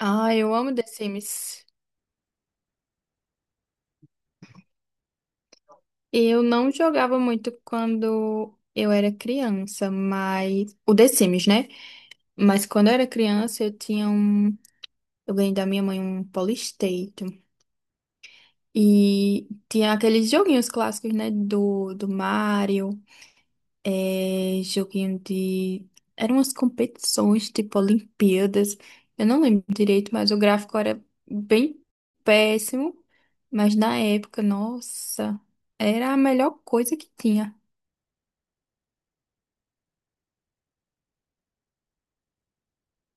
Ah, eu amo The Sims. Eu não jogava muito quando eu era criança, mas o The Sims, né? Mas quando eu era criança, eu tinha um. Eu ganhei da minha mãe um Polystation. E tinha aqueles joguinhos clássicos, né? Do Mario. Joguinho de. Eram umas competições, tipo Olimpíadas. Eu não lembro direito, mas o gráfico era bem péssimo. Mas na época, nossa, era a melhor coisa que tinha.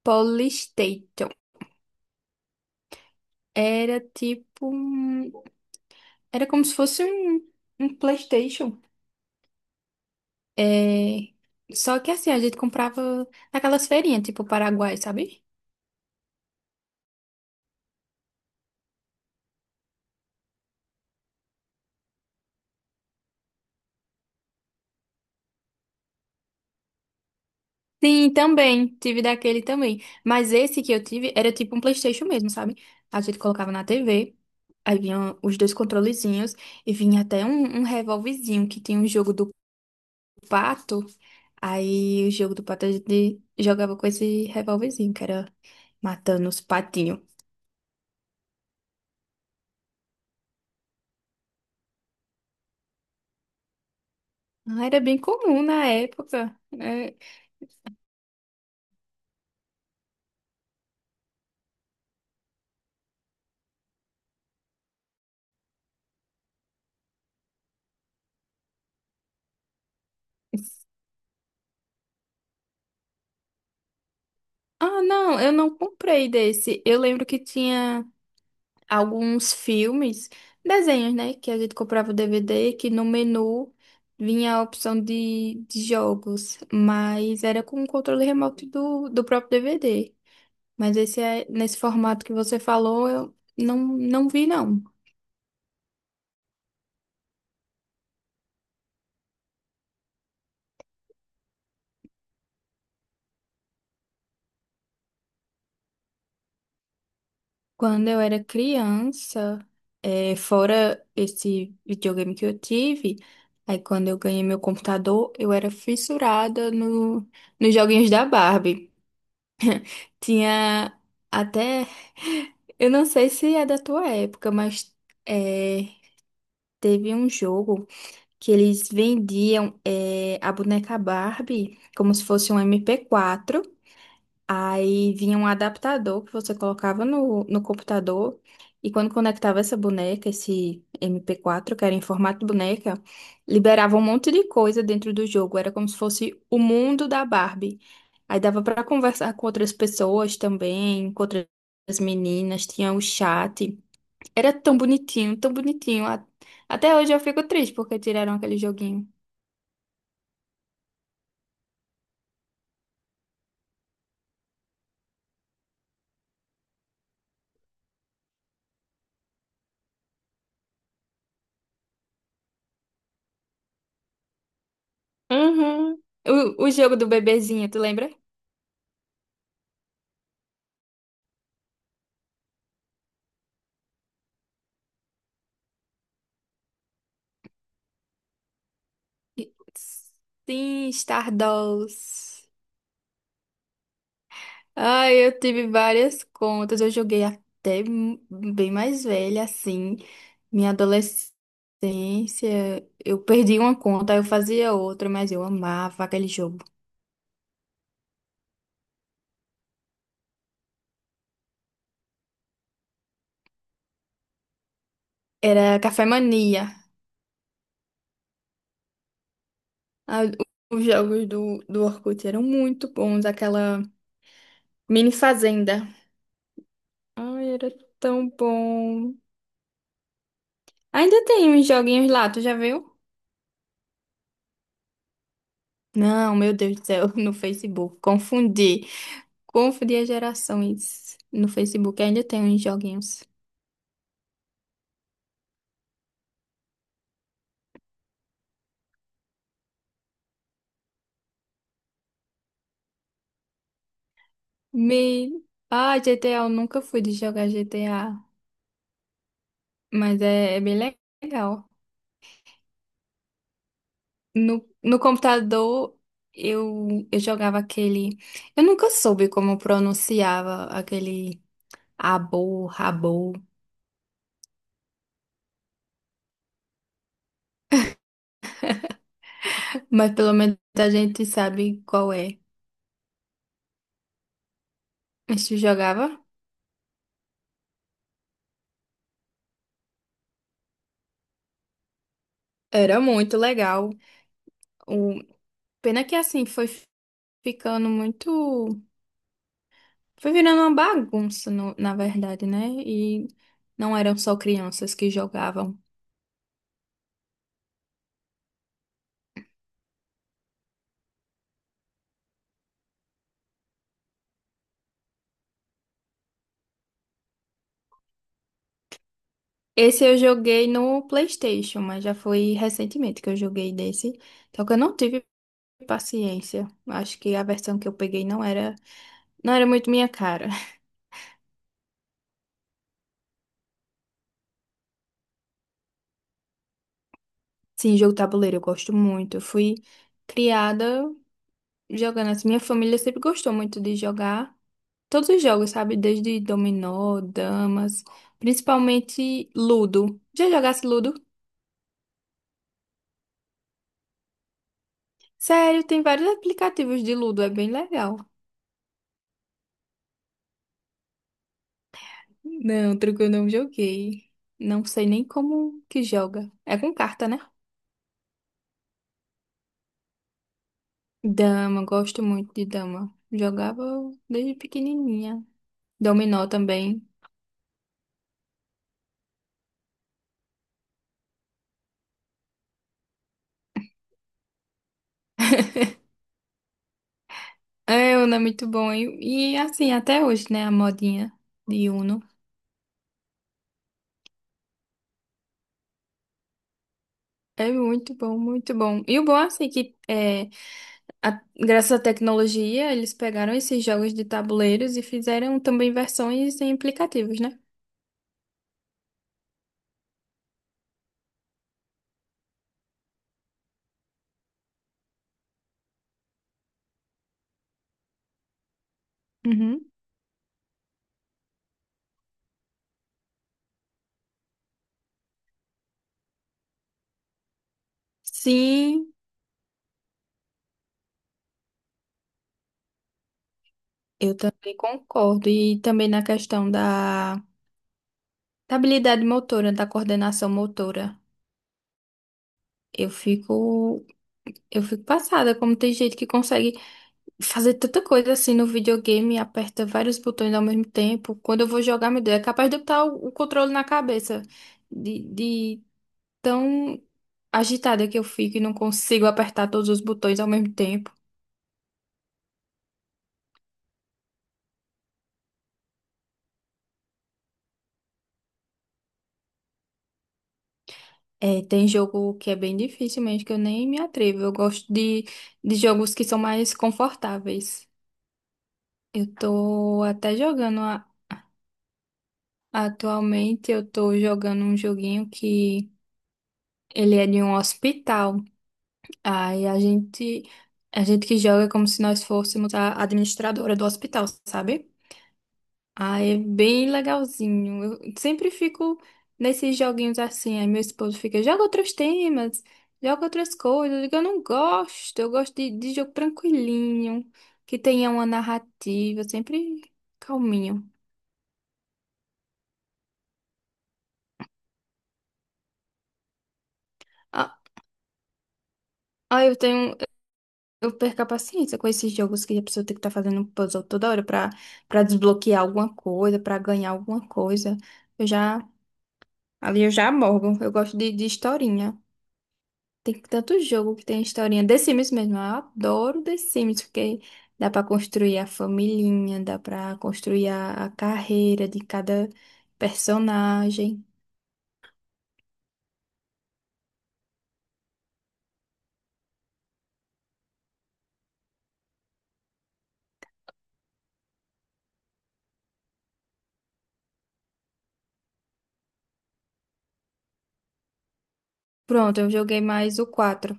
Polystation. Era tipo. Era como se fosse um PlayStation. É... Só que assim, a gente comprava naquelas feirinhas, tipo Paraguai, sabe? Sim, também. Tive daquele também. Mas esse que eu tive era tipo um PlayStation mesmo, sabe? A gente colocava na TV, aí vinham os dois controlezinhos e vinha até um revolvezinho que tinha um jogo do pato. Aí o jogo do pato a gente jogava com esse revolvezinho, que era matando os patinhos. Ah, era bem comum na época, né? Ah, não, eu não comprei desse. Eu lembro que tinha alguns filmes, desenhos, né? Que a gente comprava o DVD, que no menu vinha a opção de jogos, mas era com o controle remoto do próprio DVD. Mas esse é, nesse formato que você falou, eu não vi, não. Quando eu era criança, fora esse videogame que eu tive, aí quando eu ganhei meu computador, eu era fissurada no, nos joguinhos da Barbie. Tinha até. Eu não sei se é da tua época, mas é, teve um jogo que eles vendiam a boneca Barbie como se fosse um MP4. Aí vinha um adaptador que você colocava no computador e quando conectava essa boneca, esse MP4, que era em formato de boneca, liberava um monte de coisa dentro do jogo. Era como se fosse o mundo da Barbie. Aí dava pra conversar com outras pessoas também, com outras meninas, tinha o chat. Era tão bonitinho, tão bonitinho. A- Até hoje eu fico triste porque tiraram aquele joguinho. Uhum. O jogo do bebezinho, tu lembra? Sim, Stardust. Ai, eu tive várias contas. Eu joguei até m- bem mais velha, assim. Minha adolescência, eu perdi uma conta, aí eu fazia outra, mas eu amava aquele jogo. Era Café Mania. Ah, os jogos do Orkut eram muito bons. Aquela mini fazenda. Ai, era tão bom. Ainda tem uns joguinhos lá, tu já viu? Não, meu Deus do céu, no Facebook. Confundi. Confundir gerações no Facebook. Ainda tem uns joguinhos. Me... Ah, GTA, eu nunca fui de jogar GTA, mas é bem legal. No computador, eu jogava aquele. Eu nunca soube como pronunciava aquele rabo, mas pelo menos a gente sabe qual é. A gente jogava. Era muito legal. O... Pena que assim foi ficando muito. Foi virando uma bagunça, na verdade, né? E não eram só crianças que jogavam. Esse eu joguei no PlayStation, mas já foi recentemente que eu joguei desse. Só que eu não tive paciência. Acho que a versão que eu peguei não não era muito minha cara. Sim, jogo tabuleiro eu gosto muito. Eu fui criada jogando assim. Minha família sempre gostou muito de jogar todos os jogos, sabe? Desde dominó, damas, principalmente Ludo. Já jogasse Ludo? Sério, tem vários aplicativos de Ludo, é bem legal. Não, truco eu não joguei. Não sei nem como que joga. É com carta, né? Dama, gosto muito de dama. Jogava desde pequenininha. Dominó também. É, Uno é muito bom. Assim, até hoje, né? A modinha de Uno. É muito bom, muito bom. E o bom, assim, a- graças à tecnologia, eles pegaram esses jogos de tabuleiros e fizeram também versões em aplicativos, né? Uhum. Sim, eu também concordo. E também na questão da habilidade motora, da coordenação motora. Eu fico, eu fico passada, como tem gente que consegue fazer tanta coisa assim no videogame, aperta vários botões ao mesmo tempo. Quando eu vou jogar, meu Deus, é capaz de eu botar o controle na cabeça de tão agitada que eu fico e não consigo apertar todos os botões ao mesmo tempo. É, tem jogo que é bem difícil mesmo, que eu nem me atrevo. Eu gosto de jogos que são mais confortáveis. Eu tô até jogando atualmente, eu tô jogando um joguinho que ele é de um hospital. Aí a gente, a gente que joga é como se nós fôssemos a administradora do hospital, sabe? Ah, é bem legalzinho. Eu sempre fico nesses joguinhos assim. Aí meu esposo fica, joga outros temas, joga outras coisas. Eu digo, eu não gosto, eu gosto de jogo tranquilinho, que tenha uma narrativa, sempre calminho. Ah, ah, eu tenho, eu perco a paciência com esses jogos que a pessoa tem que estar fazendo um puzzle toda hora pra desbloquear alguma coisa, pra ganhar alguma coisa. Eu já, ali eu já morgo. Eu gosto de historinha. Tem tanto jogo que tem historinha. The Sims mesmo, eu adoro The Sims, porque dá pra construir a familhinha, dá pra construir a carreira de cada personagem. Pronto, eu joguei mais o 4.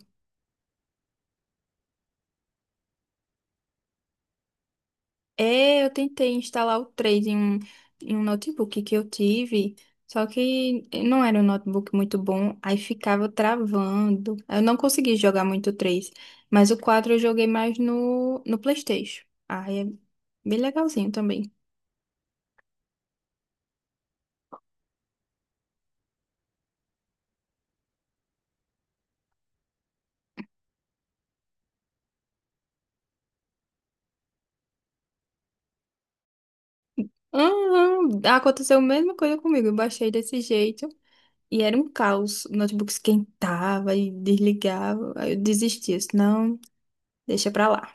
É, eu tentei instalar o 3 em em um notebook que eu tive, só que não era um notebook muito bom, aí ficava travando. Eu não consegui jogar muito o 3, mas o 4 eu joguei mais no PlayStation. Aí é bem legalzinho também. Uhum. Aconteceu a mesma coisa comigo. Eu baixei desse jeito e era um caos. O notebook esquentava e desligava. Aí eu desisti. Eu disse, não, deixa pra lá.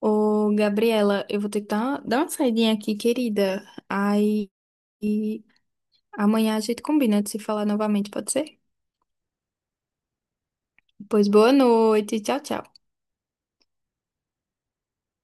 Ô, Gabriela, eu vou ter que dar uma saidinha aqui, querida. Aí e amanhã a gente combina de se falar novamente, pode ser? Pois boa noite. Tchau, tchau.